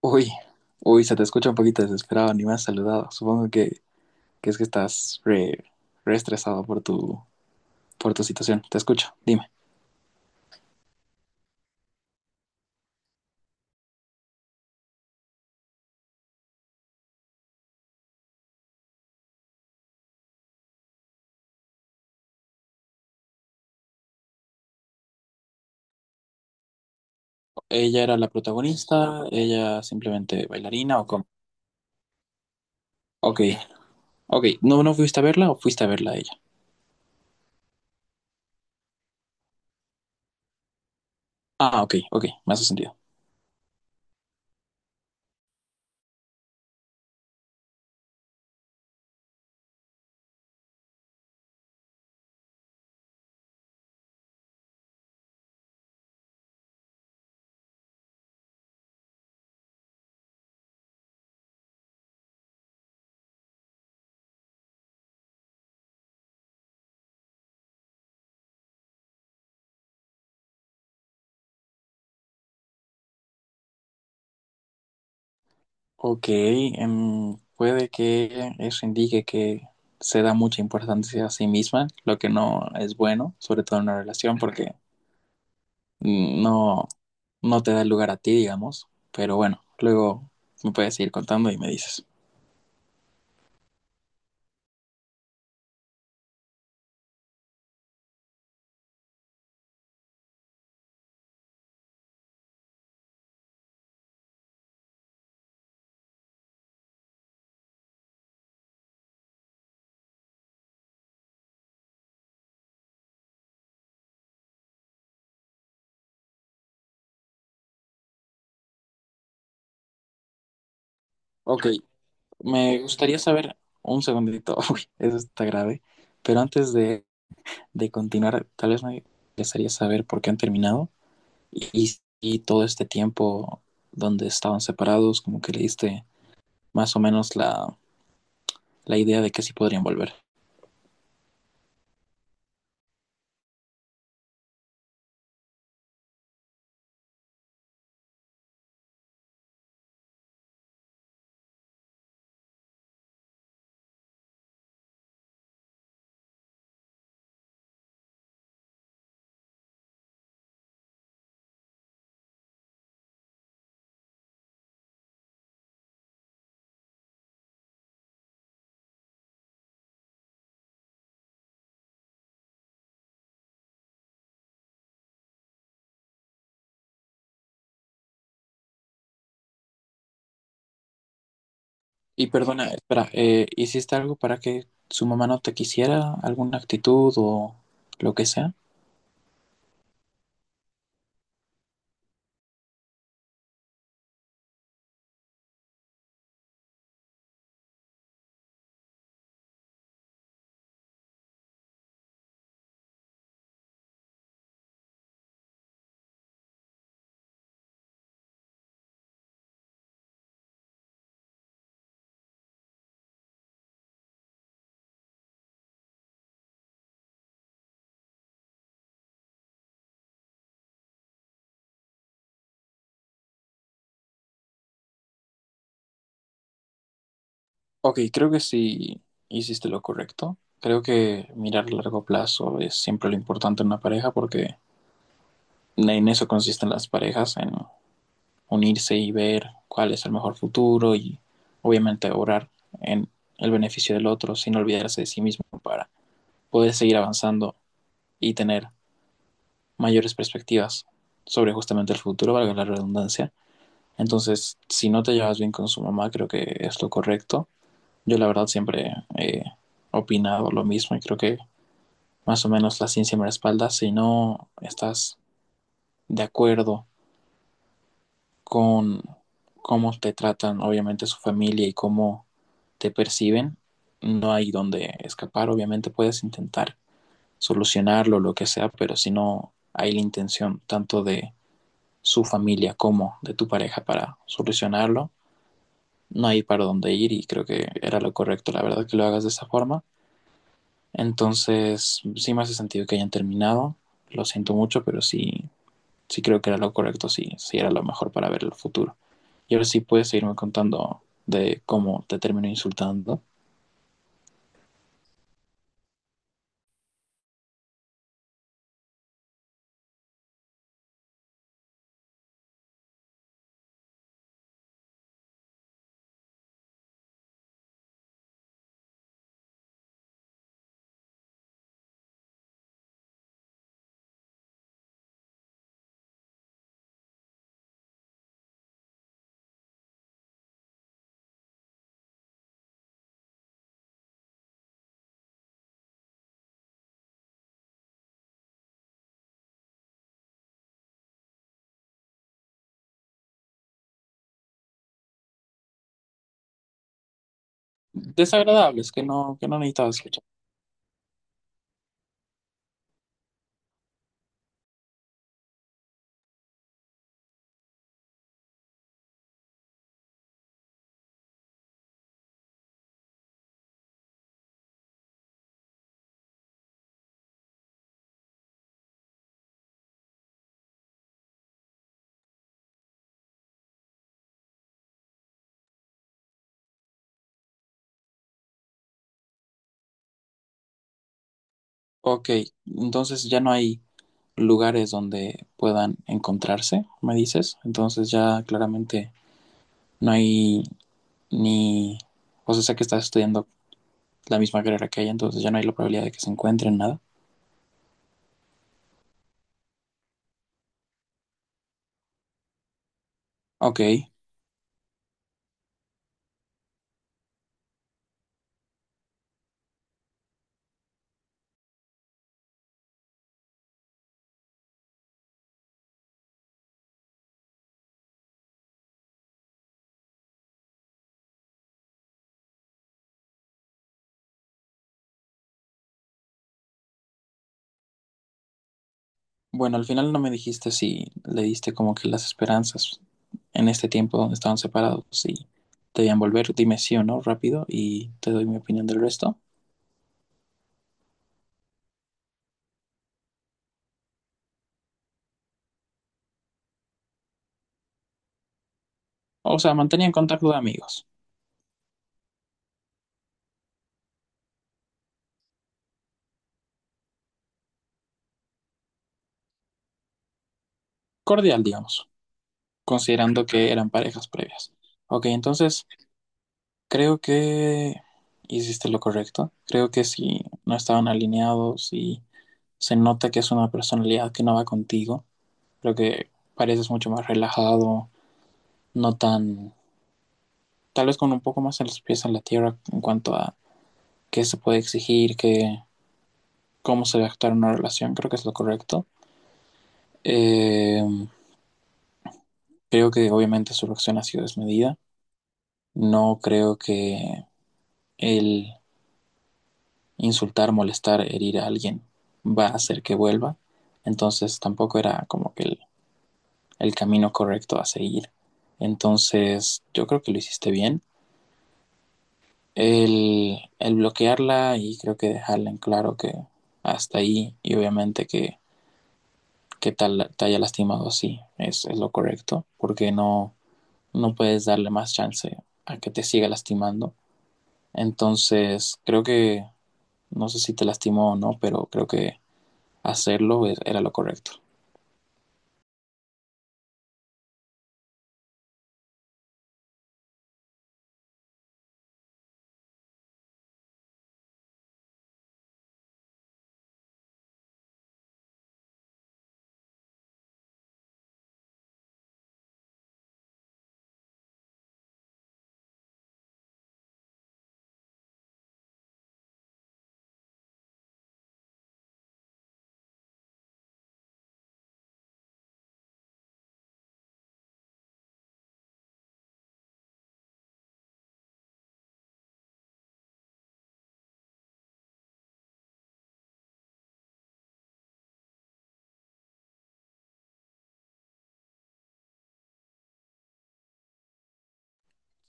Uy, se te escucha un poquito desesperado, ni me has saludado. Supongo que es que estás re estresado por por tu situación. Te escucho, dime. ¿Ella era la protagonista? ¿Ella simplemente bailarina o cómo? Ok, ok. ¿No, no fuiste a verla o fuiste a verla a ella? Ah, ok, ok, me hace sentido. Ok, puede que eso indique que se da mucha importancia a sí misma, lo que no es bueno, sobre todo en una relación, porque no, no te da el lugar a ti, digamos, pero bueno, luego me puedes ir contando y me dices. Ok, me gustaría saber, un segundito, uy, eso está grave, pero antes de continuar, tal vez me gustaría saber por qué han terminado y todo este tiempo donde estaban separados, como que le diste más o menos la idea de que sí podrían volver. Y perdona, espera, ¿hiciste algo para que su mamá no te quisiera? ¿Alguna actitud o lo que sea? Ok, creo que sí hiciste lo correcto. Creo que mirar a largo plazo es siempre lo importante en una pareja porque en eso consisten las parejas, en unirse y ver cuál es el mejor futuro y obviamente orar en el beneficio del otro sin olvidarse de sí mismo para poder seguir avanzando y tener mayores perspectivas sobre justamente el futuro, valga la redundancia. Entonces, si no te llevas bien con su mamá, creo que es lo correcto. Yo la verdad siempre he opinado lo mismo y creo que más o menos la ciencia me respalda. Si no estás de acuerdo con cómo te tratan, obviamente, su familia y cómo te perciben, no hay donde escapar. Obviamente puedes intentar solucionarlo, lo que sea, pero si no hay la intención tanto de su familia como de tu pareja para solucionarlo, no hay para dónde ir y creo que era lo correcto, la verdad, que lo hagas de esa forma. Entonces, sí me hace sentido que hayan terminado. Lo siento mucho, pero sí, sí creo que era lo correcto, sí, sí era lo mejor para ver el futuro. Y ahora sí puedes seguirme contando de cómo te terminó insultando. Desagradables, que no necesitaba escuchar. Ok, entonces ya no hay lugares donde puedan encontrarse, me dices. Entonces ya claramente no hay ni... O sea, sé que estás estudiando la misma carrera que ella, entonces ya no hay la probabilidad de que se encuentren nada. Ok, bueno, al final no me dijiste si le diste como que las esperanzas en este tiempo donde estaban separados, si te debían volver, dime sí o no rápido y te doy mi opinión del resto. O sea, mantenían contacto de amigos, cordial, digamos, considerando que eran parejas previas. Ok, entonces creo que hiciste lo correcto. Creo que si no estaban alineados y se nota que es una personalidad que no va contigo, creo que pareces mucho más relajado, no tan tal vez con un poco más en los pies en la tierra en cuanto a qué se puede exigir, qué, cómo se debe actuar en una relación, creo que es lo correcto. Eh, creo que obviamente su reacción ha sido desmedida. No creo que el insultar, molestar, herir a alguien va a hacer que vuelva. Entonces tampoco era como que el camino correcto a seguir. Entonces yo creo que lo hiciste bien. El bloquearla y creo que dejarla en claro que hasta ahí y obviamente que tal, te haya lastimado así, es lo correcto, porque no, no puedes darle más chance a que te siga lastimando. Entonces, creo que, no sé si te lastimó o no, pero creo que era lo correcto.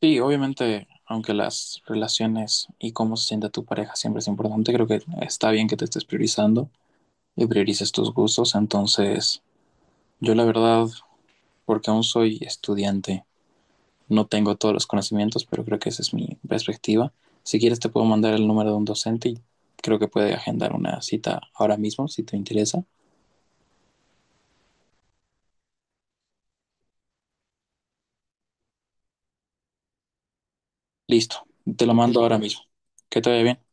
Sí, obviamente, aunque las relaciones y cómo se siente tu pareja siempre es importante, creo que está bien que te estés priorizando y priorices tus gustos. Entonces, yo la verdad, porque aún soy estudiante no tengo todos los conocimientos, pero creo que esa es mi perspectiva. Si quieres te puedo mandar el número de un docente y creo que puede agendar una cita ahora mismo, si te interesa. Listo, te lo mando ahora mismo. Que te vaya bien.